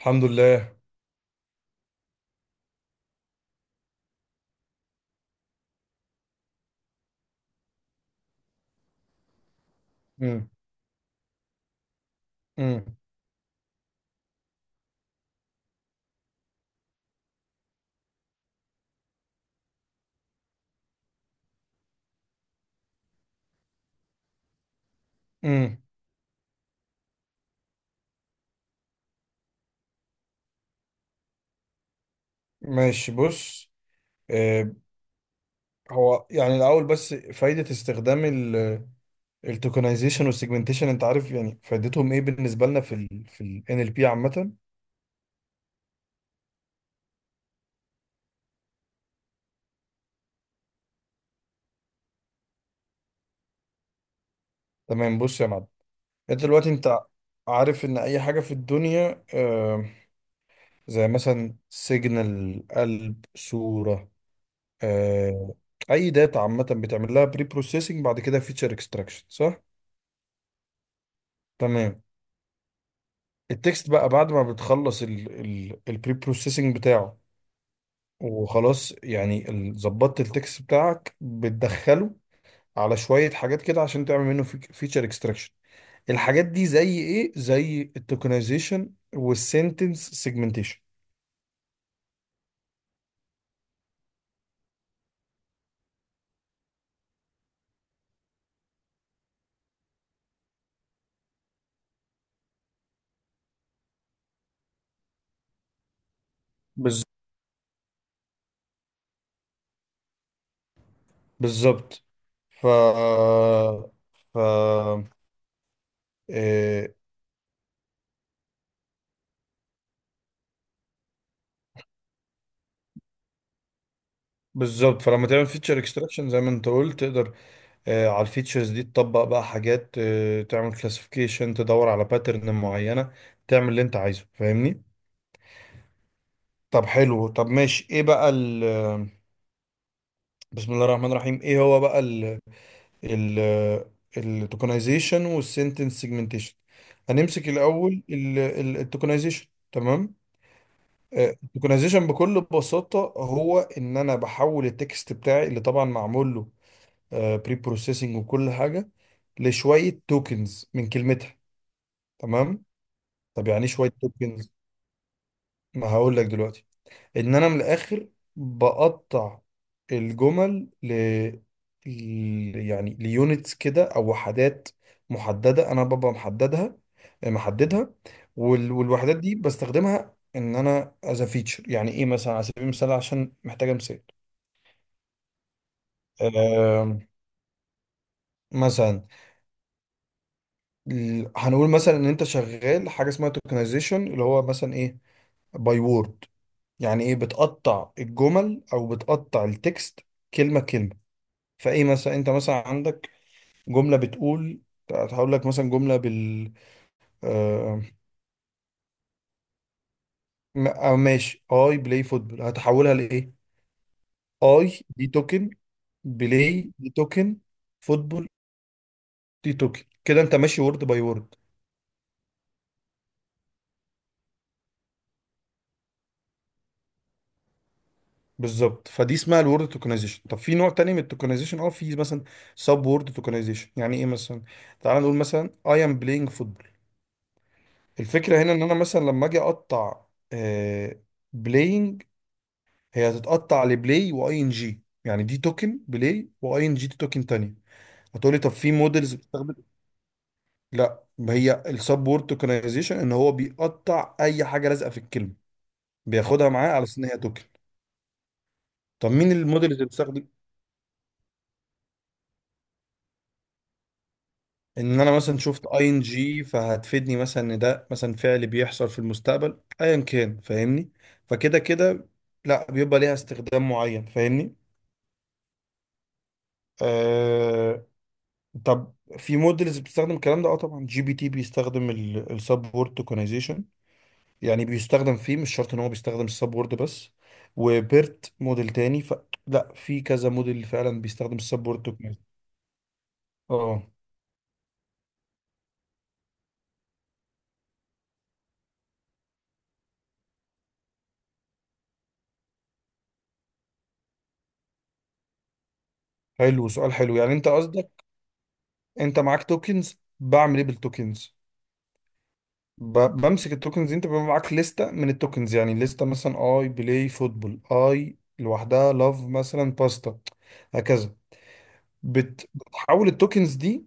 الحمد لله. امم. امم. امم. ماشي، بص. آه هو يعني الاول بس فايده استخدام التوكنايزيشن والسيجمنتيشن، انت عارف يعني فايدتهم ايه بالنسبه لنا في ال NLP عامه؟ تمام، بص يا معلم. انت دلوقتي عارف ان اي حاجه في الدنيا، زي مثلا سيجنال، قلب، صوره، آه اي داتا عامه بتعمل لها بري بروسيسنج، بعد كده فيتشر اكستراكشن، صح؟ تمام. التكست بقى بعد ما بتخلص البري بروسيسنج بتاعه وخلاص، يعني ظبطت التكست بتاعك، بتدخله على شوية حاجات كده عشان تعمل منه فيتشر اكستراكشن. الحاجات دي زي ايه؟ زي التوكنايزيشن والسنتنس سيجمنتيشن. بالظبط. بالظبط. ف ف إيه. بالظبط، فلما تعمل فيتشر اكستراكشن زي ما انت قلت، تقدر على الفيتشرز دي تطبق بقى حاجات، تعمل كلاسيفيكيشن، تدور على باترن معينة، تعمل اللي انت عايزه، فاهمني. طب حلو، طب ماشي. ايه بقى ال آه، بسم الله الرحمن الرحيم، ايه هو بقى ال التوكنايزيشن والسنتنس سيجمنتيشن؟ هنمسك الاول التوكنايزيشن، تمام. التوكنايزيشن بكل بساطة هو ان انا بحول التكست بتاعي، اللي طبعا معمول له بري بروسيسنج وكل حاجة، لشوية توكنز من كلمتها، تمام. طب يعني ايه شويه توكنز؟ ما هقول لك دلوقتي. ان انا من الاخر بقطع الجمل يعني ليونتس كده، او وحدات محدده، انا ببقى محددها، محددها. والوحدات دي بستخدمها ان انا از فيتشر. يعني ايه مثلا؟ على سبيل المثال، عشان محتاجه مثال. آم، مثلا، هنقول مثلا ان انت شغال حاجه اسمها توكنايزيشن، اللي هو مثلا ايه؟ باي وورد. يعني ايه؟ بتقطع الجمل او بتقطع التكست كلمه كلمه. فايه مثلا، انت مثلا عندك جمله بتقول، هقول لك مثلا جمله بال آه... م- آه ماشي. اي بلاي فوتبول، هتحولها لايه؟ اي دي توكن، بلاي دي توكن، فوتبول دي توكن. كده انت ماشي وورد باي وورد. بالظبط. فدي اسمها الورد توكنايزيشن. طب في نوع تاني من التوكنايزيشن، اه، في مثلا سب وورد توكنايزيشن. يعني ايه مثلا؟ تعال نقول مثلا اي ام بلاينج فوتبول. الفكرة هنا ان انا مثلا لما اجي اقطع آه، بلاينج، هي هتتقطع لبلاي واي ان جي، يعني دي توكن بلاي، واي ان جي دي توكن تانية. هتقولي طب في مودلز بتستخدم؟ لا، ما هي السب وورد توكنايزيشن ان هو بيقطع اي حاجة لازقة في الكلمة، بياخدها معاه على اساس ان هي توكن. طب مين المودلز اللي بتستخدم؟ ان انا مثلا شفت اي ان جي، فهتفيدني مثلا ان ده مثلا فعل بيحصل في المستقبل، ايا كان، فاهمني. فكده كده، لا، بيبقى ليها استخدام معين، فاهمني. آه. طب في موديلز بتستخدم الكلام ده. اه، طبعا جي بي تي بيستخدم السب وورد توكنايزيشن، يعني بيستخدم فيه، مش شرط ان هو بيستخدم السب وورد بس، وبيرت موديل تاني. لا، في كذا موديل فعلا بيستخدم السب وورد توكنايزيشن. اه، حلو سؤال، حلو. يعني انت قصدك انت معاك توكنز، بعمل ايه بالتوكنز؟ بمسك التوكنز دي، انت بيبقى معاك لستة من التوكنز، يعني لستة مثلا اي بلاي فوتبول، اي لوحدها، لاف، مثلا باستا، هكذا. بتحول التوكنز دي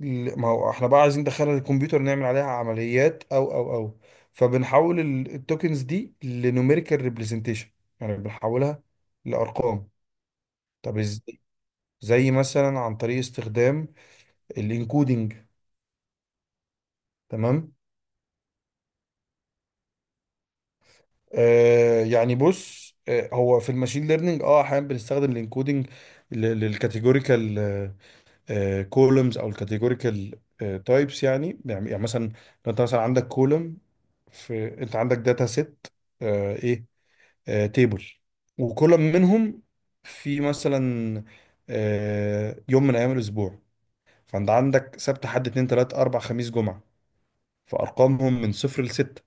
ما هو احنا بقى عايزين ندخلها للكمبيوتر، نعمل عليها عمليات او. فبنحول التوكنز دي لنوميريكال ريبريزنتيشن، يعني بنحولها لارقام. طب ازاي؟ زي مثلا عن طريق استخدام الانكودنج، تمام. يعني بص، هو في الماشين ليرنينج اه، احيانا بنستخدم الانكودنج للكاتيجوريكال كولومز، او الكاتيجوريكال تايبس. يعني مثلا لو انت مثلا عندك كولوم، في انت عندك داتا سيت، ايه، تيبل، وكولوم منهم في مثلا يوم من ايام الاسبوع. فانت عندك سبت، حد، اتنين، تلات، اربع، خميس، جمعة، فارقامهم من صفر لستة.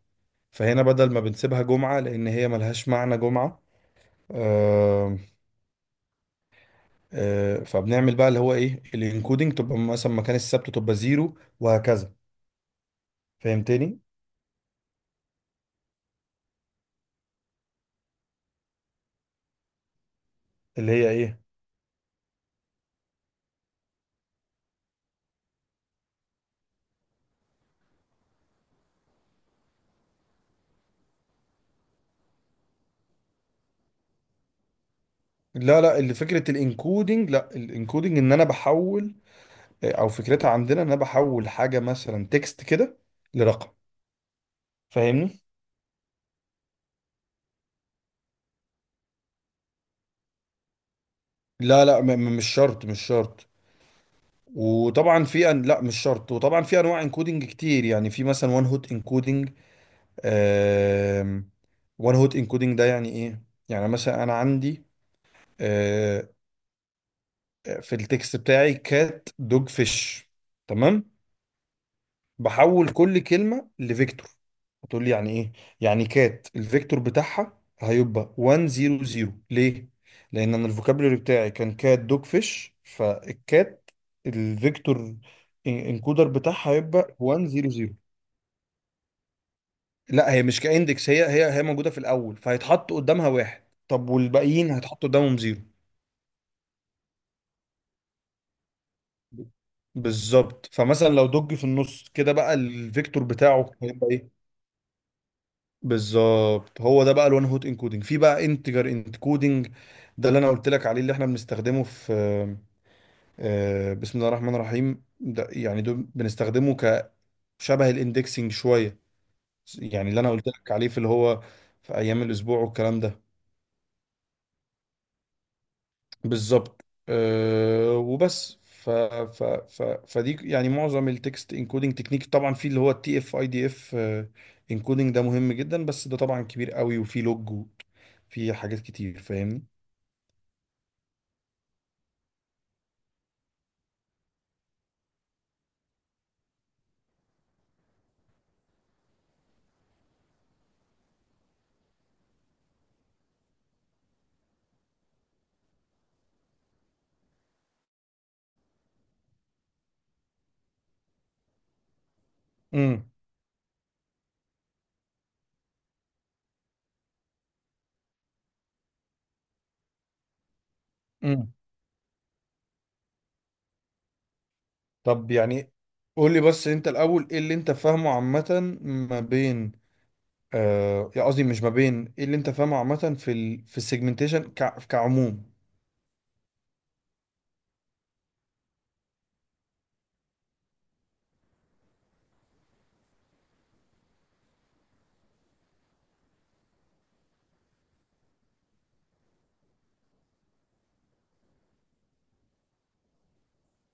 فهنا بدل ما بنسيبها جمعة، لان هي ملهاش معنى جمعة، آه فبنعمل بقى اللي هو ايه؟ الانكودنج. تبقى مثلا مكان السبت تبقى زيرو، وهكذا. فهمتني؟ اللي هي ايه؟ لا لا، اللي فكره الانكودنج، لا، الانكودنج ان انا بحول، او فكرتها عندنا ان انا بحول حاجه مثلا تكست كده لرقم، فاهمني. لا لا، مش شرط، مش شرط. وطبعا لا، مش شرط. وطبعا في انواع انكودنج كتير، يعني في مثلا وان هوت انكودنج. وان هوت انكودنج ده يعني ايه؟ يعني مثلا انا عندي آه، في التكست بتاعي كات، دوج، فيش، تمام. بحول كل كلمة لفيكتور. هتقول لي يعني ايه؟ يعني كات الفيكتور بتاعها هيبقى 100، ليه؟ لان انا الفوكابولري بتاعي كان كات، دوج، فيش، فالكات الفيكتور انكودر بتاعها هيبقى 100. لا، هي مش كاندكس، هي موجودة في الاول، فهيتحط قدامها واحد. طب والباقيين هيتحطوا قدامهم زيرو. بالظبط. فمثلا لو دوج في النص كده، بقى الفيكتور بتاعه هيبقى إيه؟ بالظبط. هو ده بقى الوان هوت انكودنج. في بقى انتجر انكودنج، ده اللي انا قلت لك عليه، اللي احنا بنستخدمه في آه، بسم الله الرحمن الرحيم ده. يعني ده بنستخدمه كشبه الاندكسنج شويه، يعني اللي انا قلت لك عليه في اللي هو في ايام الاسبوع والكلام ده. بالظبط، أه. وبس. ف ف ف فدي يعني معظم التكست انكودنج تكنيك. طبعا في اللي هو التي اف اي دي اف انكودنج، ده مهم جدا، بس ده طبعا كبير قوي وفي لوج، وفي حاجات كتير، فاهمني. امم. امم. طب يعني قول لي بس انت الاول ايه اللي انت فاهمه عامه ما بين، يعني قصدي مش ما بين، ايه اللي انت فاهمه عامه في السيجمنتيشن كعموم؟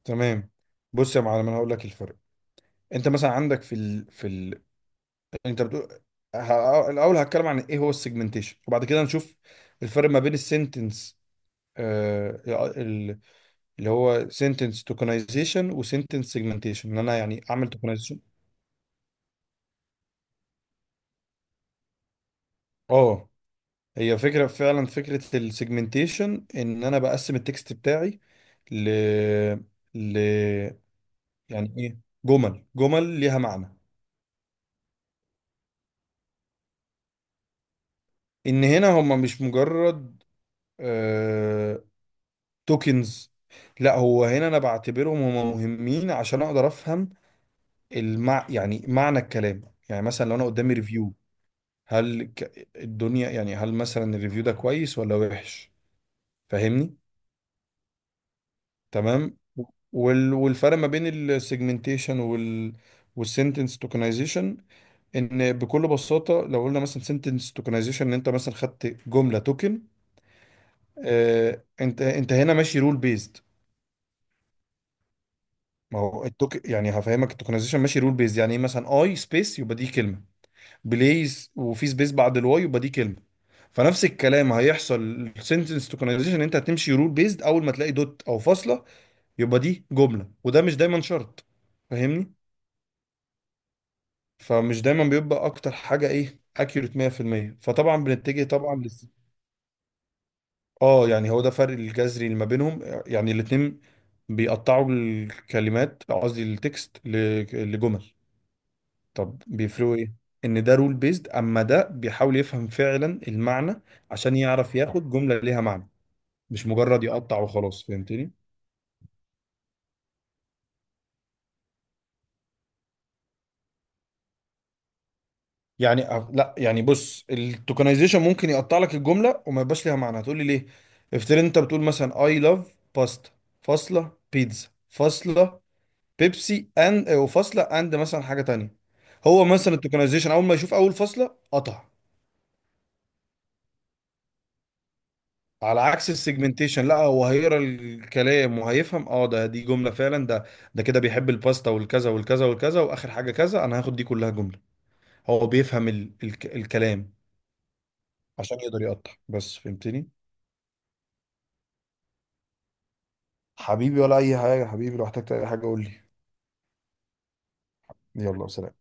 تمام، بص يا معلم، انا هقول لك الفرق. انت مثلا عندك انت بتقول الاول هتكلم عن ايه هو السيجمنتيشن، وبعد كده نشوف الفرق ما بين السنتنس، آه ال- اللي هو سنتنس توكنايزيشن وسنتنس سيجمنتيشن. ان انا يعني اعمل توكنايزيشن، اه. هي فكرة، فعلا فكرة السيجمنتيشن ان انا بقسم التكست بتاعي ل ل يعني ايه؟ جمل، جمل ليها معنى. ان هنا هما مش مجرد آه... توكنز، لا، هو هنا انا بعتبرهم هما مهمين عشان اقدر افهم يعني معنى الكلام. يعني مثلا لو انا قدامي ريفيو، هل الدنيا، يعني هل مثلا الريفيو ده كويس ولا وحش، فاهمني. تمام. والفرق ما بين السيجمنتيشن والسنتنس توكنايزيشن، ان بكل بساطه، لو قلنا مثلا سنتنس توكنايزيشن، ان انت مثلا خدت جمله توكن، انت هنا ماشي رول بيزد. ما هو التوك يعني، هفهمك التوكنايزيشن ماشي رول بيزد، يعني ايه؟ مثلا اي سبيس يبقى دي كلمه بليز، وفي سبيس بعد الواي يبقى دي كلمه. فنفس الكلام هيحصل. السنتنس توكنايزيشن انت هتمشي رول بيزد، اول ما تلاقي دوت او فاصله يبقى دي جمله، وده مش دايما شرط، فاهمني. فمش دايما بيبقى اكتر حاجه ايه؟ اكيوريت 100%، فطبعا بنتجه طبعا اه، يعني هو ده فرق الجذري اللي ما بينهم، يعني الاتنين بيقطعوا الكلمات، قصدي التكست لجمل، طب بيفرقوا ايه؟ ان ده رول بيزد، اما ده بيحاول يفهم فعلا المعنى، عشان يعرف ياخد جمله ليها معنى، مش مجرد يقطع وخلاص، فهمتني. يعني لا يعني بص، التوكنايزيشن ممكن يقطع لك الجمله وما يبقاش ليها معنى. هتقول لي ليه؟ افترض انت بتقول مثلا اي لاف باستا، فاصله، بيتزا، فاصله، بيبسي اند، وفاصله اند مثلا حاجه تانية. هو مثلا التوكنايزيشن اول ما يشوف اول فاصله قطع، على عكس السيجمنتيشن لا، هو هيقرا الكلام وهيفهم، اه ده دي جمله فعلا. ده ده كده بيحب الباستا والكذا والكذا والكذا، واخر حاجه كذا، انا هاخد دي كلها جمله. هو بيفهم ال الكلام عشان يقدر يقطع بس، فهمتني. حبيبي ولا اي حاجه، حبيبي لو احتجت اي حاجه قول لي. يلا سلام.